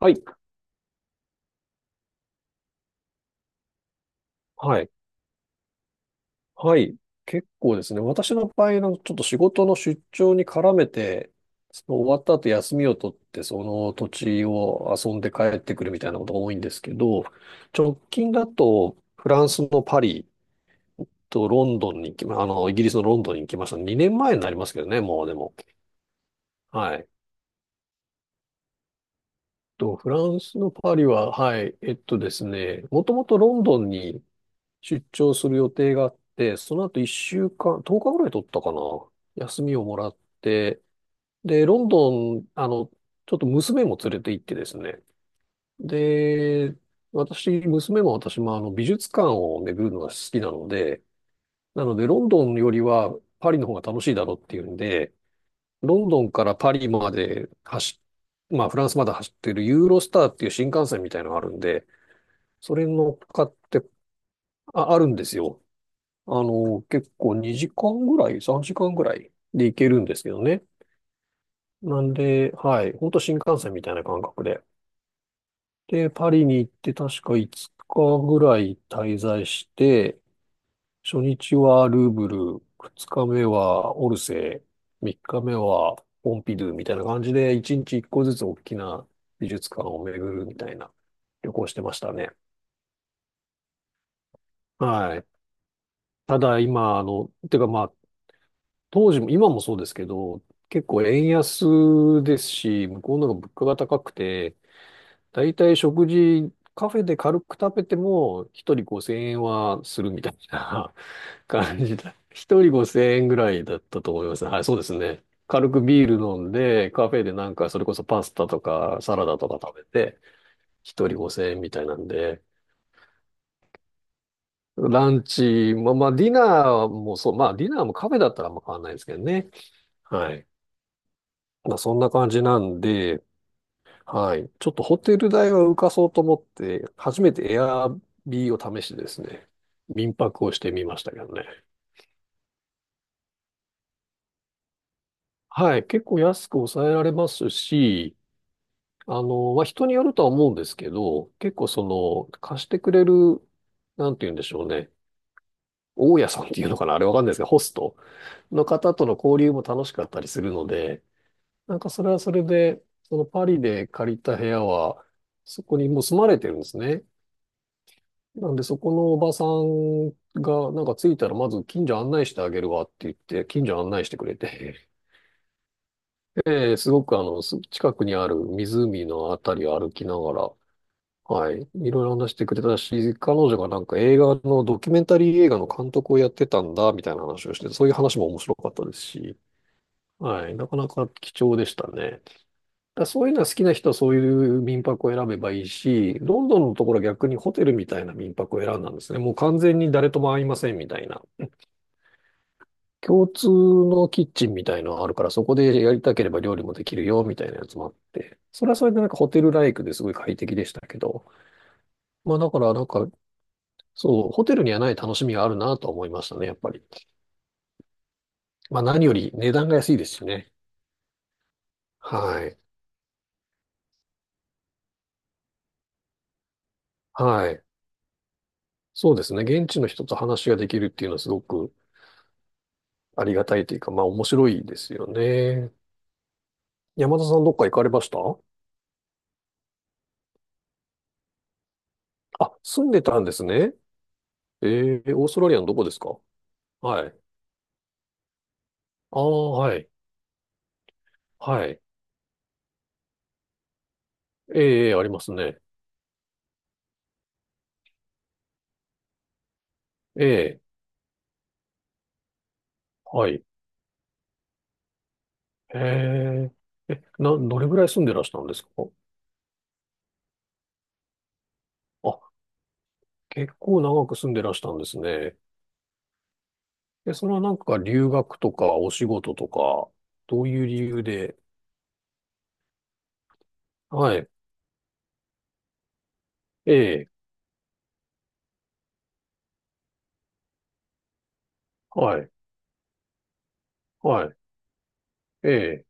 はい、はい、はい。結構ですね。私の場合のちょっと仕事の出張に絡めて、その終わった後休みを取って、その土地を遊んで帰ってくるみたいなことが多いんですけど、直近だとフランスのパリとロンドンに行きま、あの、イギリスのロンドンに行きました。2年前になりますけどね、もうでも。はい。と、フランスのパリは、はい、えっとですね、もともとロンドンに出張する予定があって、その後1週間、10日ぐらい取ったかな。休みをもらって、で、ロンドン、ちょっと娘も連れて行ってですね。で、私、娘も私もあの美術館を巡るのが好きなので、なのでロンドンよりはパリの方が楽しいだろうっていうんで、ロンドンからパリまで走っ、まあフランスまで走ってるユーロスターっていう新幹線みたいのがあるんで、それに乗っかって、あ、あるんですよ。あの、結構2時間ぐらい、3時間ぐらいで行けるんですけどね。なんで、はい、ほんと新幹線みたいな感覚で。で、パリに行って確か5日ぐらい滞在して、初日はルーブル、2日目はオルセー、3日目はポンピドゥみたいな感じで、1日1個ずつ大きな美術館を巡るみたいな旅行してましたね。はい。ただ今、あの、てかまあ、当時も、今もそうですけど、結構円安ですし、向こうの方が物価が高くて、だいたい食事、カフェで軽く食べても、一人5000円はするみたいな 感じだ。一人5000円ぐらいだったと思います。はい、そうですね。軽くビール飲んで、カフェでなんか、それこそパスタとかサラダとか食べて、一人5000円みたいなんで、ランチ、まあまあ、ディナーもそう、まあ、ディナーもカフェだったらあんま変わんないですけどね。はい。まあ、そんな感じなんで、はい。ちょっとホテル代は浮かそうと思って、初めてエアビーを試してですね、民泊をしてみましたけどね。はい。結構安く抑えられますし、あの、まあ、人によるとは思うんですけど、結構その、貸してくれる、なんて言うんでしょうね。大家さんっていうのかなあれわかんないですけど、ホストの方との交流も楽しかったりするので、なんかそれはそれで、そのパリで借りた部屋は、そこにもう住まれてるんですね。なんで、そこのおばさんが、なんか着いたら、まず近所案内してあげるわって言って、近所案内してくれて、すごくあの、近くにある湖のあたりを歩きながら、はい、いろいろ話してくれたし、彼女がなんか映画の、ドキュメンタリー映画の監督をやってたんだ、みたいな話をして、そういう話も面白かったですし、はい、なかなか貴重でしたね。だそういうのは好きな人はそういう民泊を選べばいいし、ロンドンのところは逆にホテルみたいな民泊を選んだんですね。もう完全に誰とも会いませんみたいな。共通のキッチンみたいのがあるから、そこでやりたければ料理もできるよみたいなやつもあって。それはそれでなんかホテルライクですごい快適でしたけど。まあだからホテルにはない楽しみがあるなと思いましたね、やっぱり。まあ何より値段が安いですしね。はい。はい。そうですね。現地の人と話ができるっていうのはすごくありがたいというか、まあ面白いですよね。山田さんどっか行かれました？あ、住んでたんですね。えー、オーストラリアのどこですか？はい。ああ、はい。はい。ええ、ええありますね。ええ、はい。ええ、どれぐらい住んでらしたんですか？あ、結構長く住んでらしたんですね。え、それはなんか留学とかお仕事とか、どういう理由で？はい。ええ、はい。はい。ええ、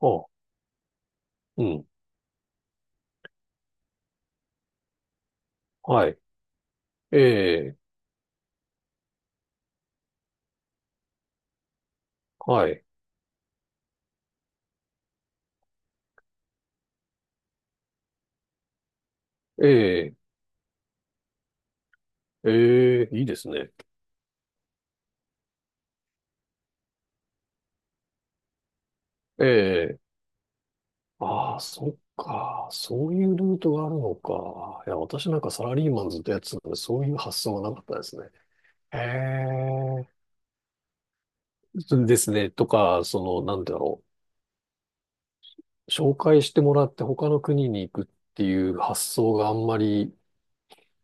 あ、うん。はい。ええ、はい。ええ、ええ、いいですね。ええ、ああ、そっか。そういうルートがあるのか。いや、私なんかサラリーマンずっとやってたので、そういう発想がなかったですね。ええ、そうですね。とか、その、なんだろう。紹介してもらって他の国に行くっていう発想があんまり、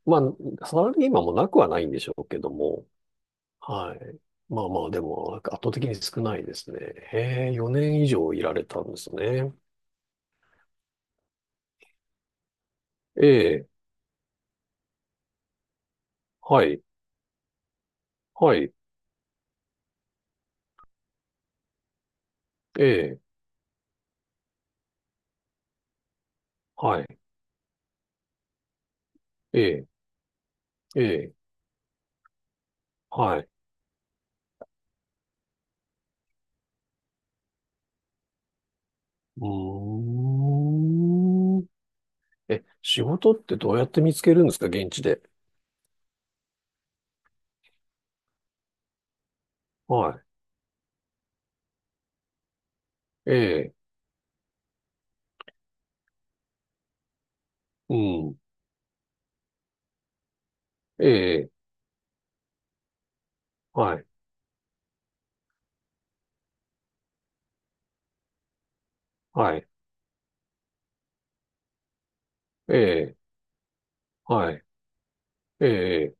まあ、サラリーマンもなくはないんでしょうけども、はい。まあまあ、でも、なんか圧倒的に少ないですね。へえ、4年以上いられたんですね。ええ、はい。はい。ええ。はい。ええ。ええ。はい。うーん。え、仕事ってどうやって見つけるんですか現地で。はい。ええ。うん。ええ。はい。はい。ええ。はい。ええ。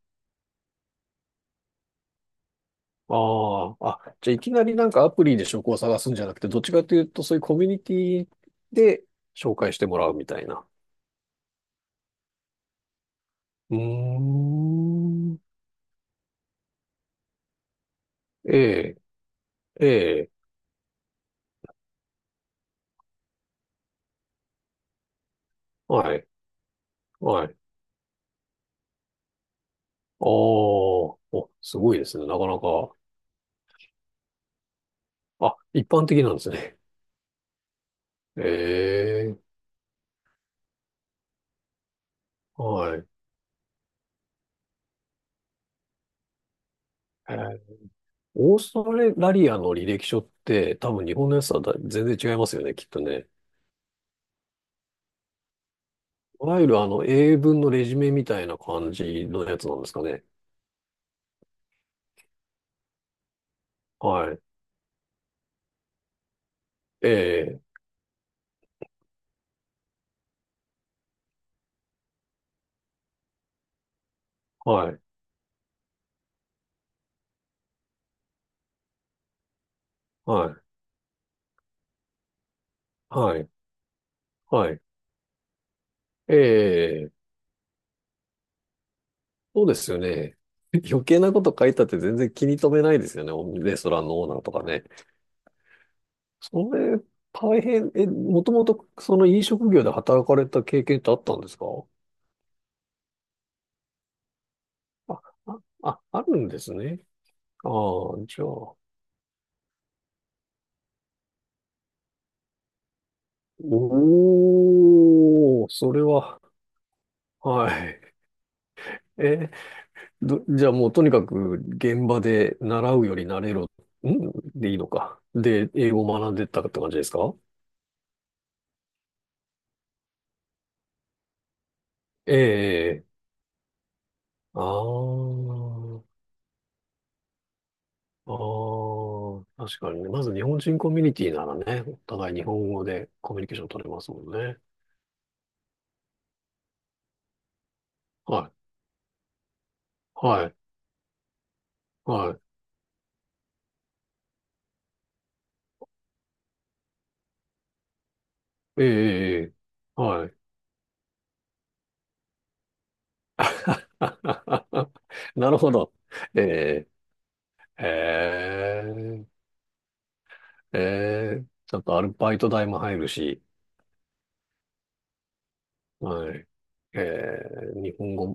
ああ。あ、じゃあいきなりなんかアプリで職を探すんじゃなくて、どっちかというとそういうコミュニティで紹介してもらうみたいな。うーん。ええ。ええ。はい。はい。ああ、お、すごいですね。なかなか。あ、一般的なんですね。ええ、はい。えーオーストラリアの履歴書って多分日本のやつとは全然違いますよね、きっとね。いわゆるあの英文のレジュメみたいな感じのやつなんですかね。はい。ええ、はい、はい、はい、はい。ええ、そうですよね。余計なこと書いたって全然気に留めないですよね、レストランのオーナーとかね。それ、大変、え、もともとその飲食業で働かれた経験ってあったんですか？あ、あ、あ、あるんですね。ああ、じゃあ。おー、それは、はい。じゃあもうとにかく現場で習うより慣れろ、んでいいのか。で、英語を学んでったって感じですか？ええ、ああー、ああ、確かにね。まず日本人コミュニティならね、お互い日本語でコミュニケーション取れますもんね。はい、はい、はい。ええ、ええ、ええはい。なるほど。ええ、ええ、ええ、ちょっとアルバイト代も入るし、はい。ええ、日本語